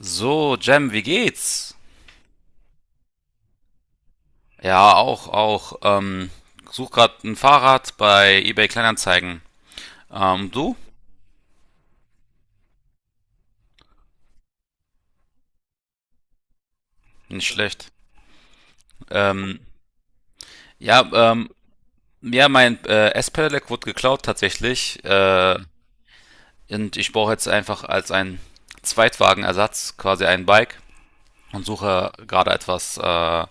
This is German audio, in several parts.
So, Jem, wie geht's? Ja, auch, auch. Such grad ein Fahrrad bei eBay Kleinanzeigen. Du? Nicht schlecht. Ähm, ja, ähm, ja, mein S-Pedelec wurde geklaut tatsächlich. Und ich brauche jetzt einfach als ein Zweitwagenersatz quasi ein Bike und suche gerade etwas,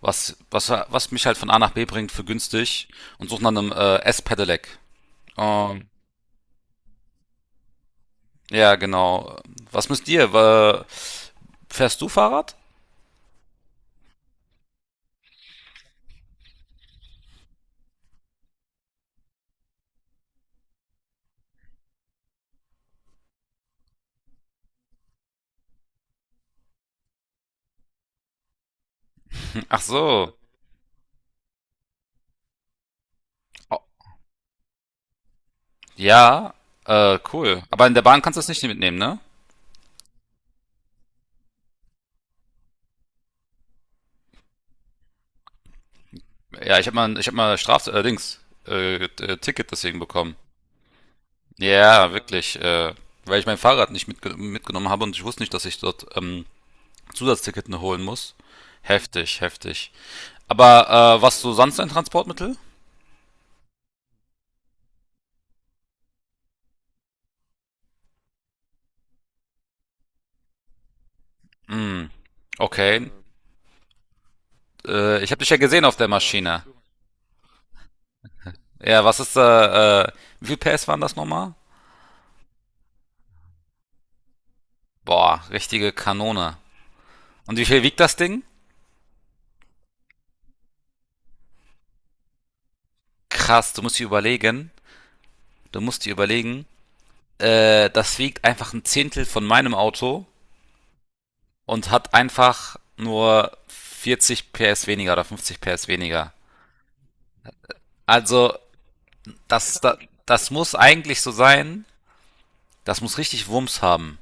was mich halt von A nach B bringt für günstig und suche nach einem S-Pedelec. Ähm, Ja, genau. Was müsst ihr? Fährst du Fahrrad? Ach so. Oh, ja, cool. Aber in der Bahn kannst du es nicht mitnehmen, ne? Ja, ich hab mal Ticket deswegen bekommen. Ja, wirklich, weil ich mein Fahrrad nicht mitgenommen habe und ich wusste nicht, dass ich dort Zusatzticket noch holen muss. Heftig, heftig. Aber was so sonst ein Transportmittel? Hm, okay. Ich habe dich ja gesehen auf der Maschine. Ja, was ist da, wie viel PS waren das nochmal? Boah, richtige Kanone. Und wie viel wiegt das Ding? Krass, du musst dir überlegen, du musst dir überlegen, das wiegt einfach ein Zehntel von meinem Auto und hat einfach nur 40 PS weniger oder 50 PS weniger. Also, das, das, das muss eigentlich so sein, das muss richtig Wumms haben.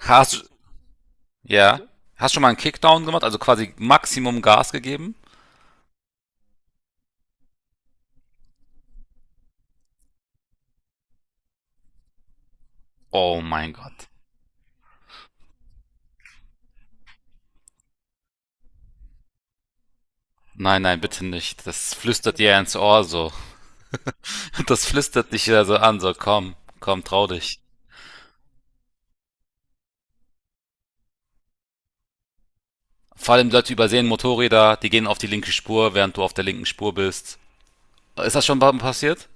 Hast, ja, hast schon mal einen Kickdown gemacht, also quasi Maximum Gas gegeben? Oh mein Gott. Nein, nein, bitte nicht. Das flüstert dir ins Ohr so. Das flüstert dich ja so an, so komm, komm, trau dich. Vor allem Leute übersehen Motorräder, die gehen auf die linke Spur, während du auf der linken Spur bist. Ist das schon mal passiert?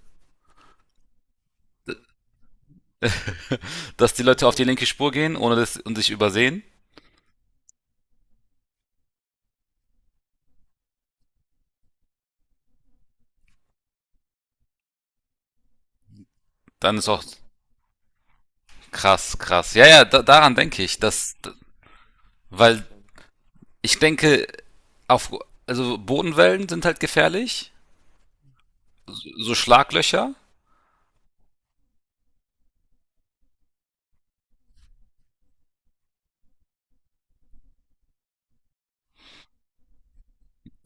Dass die Leute auf die linke Spur gehen ohne das, und sich übersehen? Dann ist auch krass, krass. Ja, ja, daran denke ich. Weil ich denke, auf, also Bodenwellen sind halt gefährlich. So Schlaglöcher.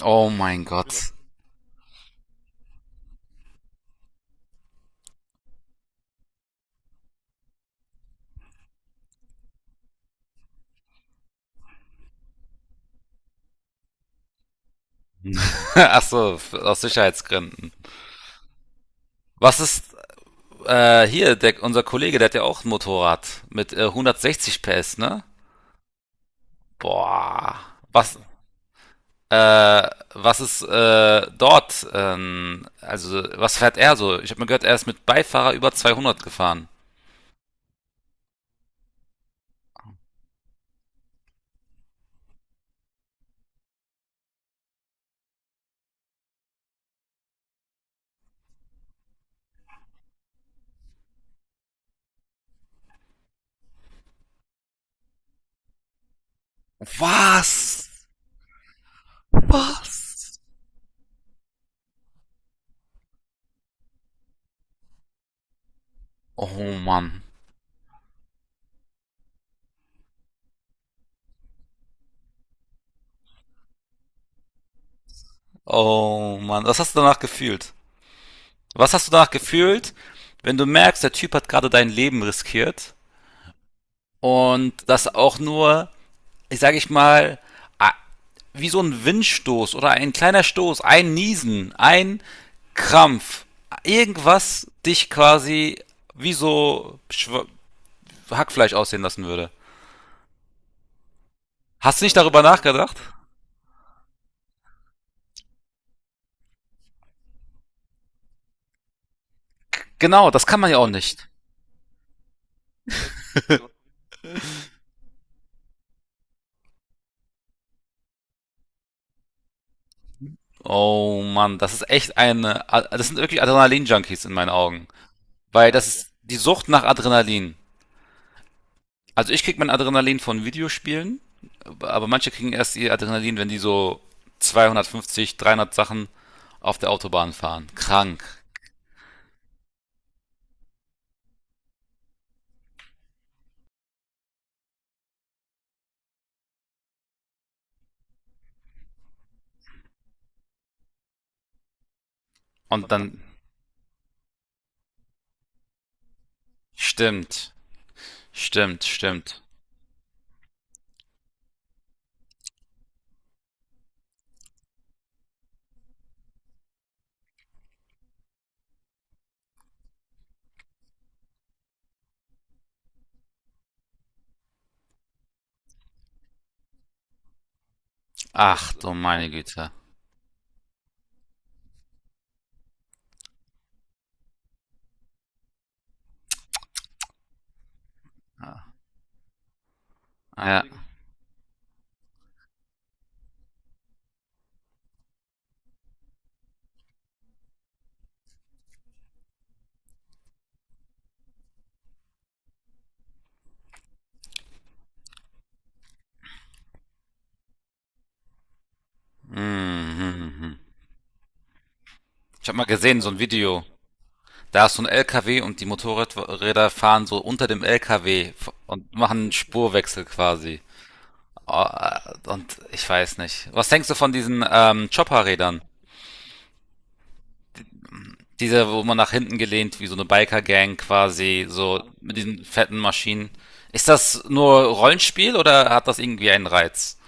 Oh mein Gott. Ach so, aus Sicherheitsgründen. Was ist hier, unser Kollege, der hat ja auch ein Motorrad mit 160 PS, ne? Boah. Was, was ist dort? Also, was fährt er so? Ich habe mir gehört, er ist mit Beifahrer über 200 gefahren. Was? Was? Oh Mann. Oh Mann. Was hast du danach gefühlt? Was hast du danach gefühlt, wenn du merkst, der Typ hat gerade dein Leben riskiert und das auch nur, ich sage ich mal, a- wie so ein Windstoß oder ein kleiner Stoß, ein Niesen, ein Krampf, irgendwas dich quasi wie so Hackfleisch aussehen lassen würde. Hast du nicht darüber nachgedacht? Genau, das kann man ja auch nicht. Oh Mann, das ist echt eine, das sind wirklich Adrenalin-Junkies in meinen Augen. Weil das ist die Sucht nach Adrenalin. Also ich krieg mein Adrenalin von Videospielen, aber manche kriegen erst ihr Adrenalin, wenn die so 250, 300 Sachen auf der Autobahn fahren. Krank. Und dann. Stimmt. Stimmt, stimmt. Ach du meine Güte. Ah, ja. Mhm. Ich habe mal gesehen, so ein Video. Da ist so ein LKW und die Motorräder fahren so unter dem LKW und machen einen Spurwechsel quasi. Oh, und ich weiß nicht. Was denkst du von diesen Chopper-Rädern? Diese, wo man nach hinten gelehnt, wie so eine Biker-Gang quasi, so mit diesen fetten Maschinen. Ist das nur Rollenspiel oder hat das irgendwie einen Reiz?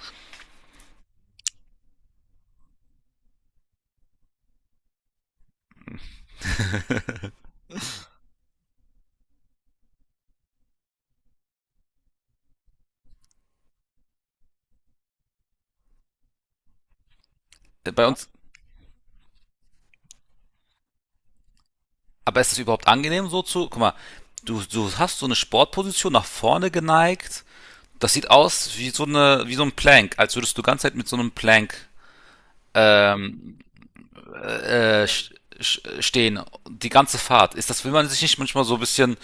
Bei uns. Aber ist es überhaupt angenehm guck mal, du hast so eine Sportposition nach vorne geneigt. Das sieht aus wie so eine, wie so ein Plank, als würdest du die ganze Zeit mit so einem Plank ähm, äh, stehen. Die ganze Fahrt. Will man sich nicht manchmal so ein bisschen,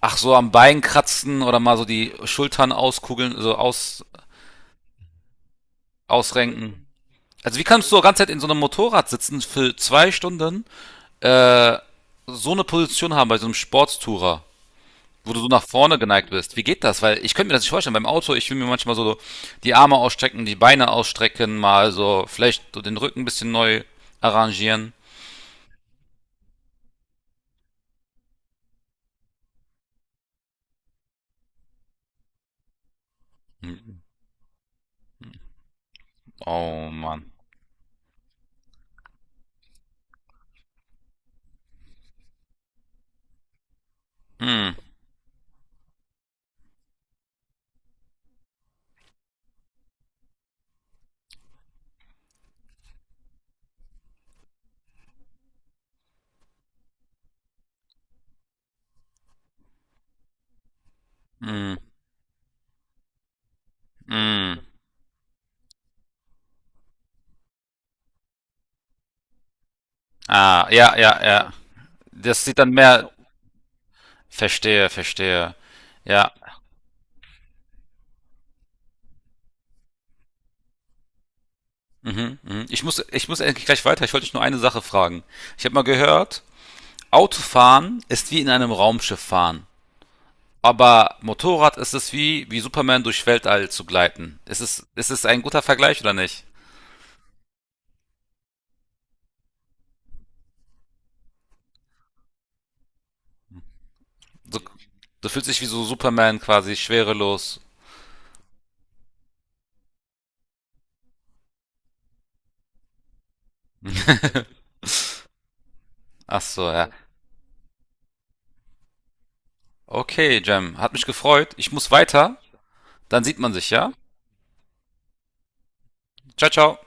ach so am Bein kratzen oder mal so die Schultern auskugeln, ausrenken? Also wie kannst du die ganze Zeit in so einem Motorrad sitzen für 2 Stunden, äh, so eine Position haben bei so einem Sportstourer? Wo du so nach vorne geneigt bist. Wie geht das? Weil ich könnte mir das nicht vorstellen. Beim Auto, ich will mir manchmal so die Arme ausstrecken, die Beine ausstrecken, mal so vielleicht so den Rücken ein bisschen neu arrangieren. Hm. Oh Mann. Hm, hm, hm. Ah, ja, ja, ja. Das sieht dann mehr. Verstehe, verstehe. Ja. Mhm, mhm. Ich muss eigentlich gleich weiter. Ich wollte dich nur eine Sache fragen. Ich habe mal gehört, Autofahren ist wie in einem Raumschiff fahren. Aber Motorrad ist es wie, Superman durch Weltall zu gleiten. Ist es ein guter Vergleich oder nicht? Du, du fühlst dich wie so Superman quasi, schwerelos. Ach so, ja. Okay, Jem, hat mich gefreut. Ich muss weiter. Dann sieht man sich, ja? Ciao, ciao.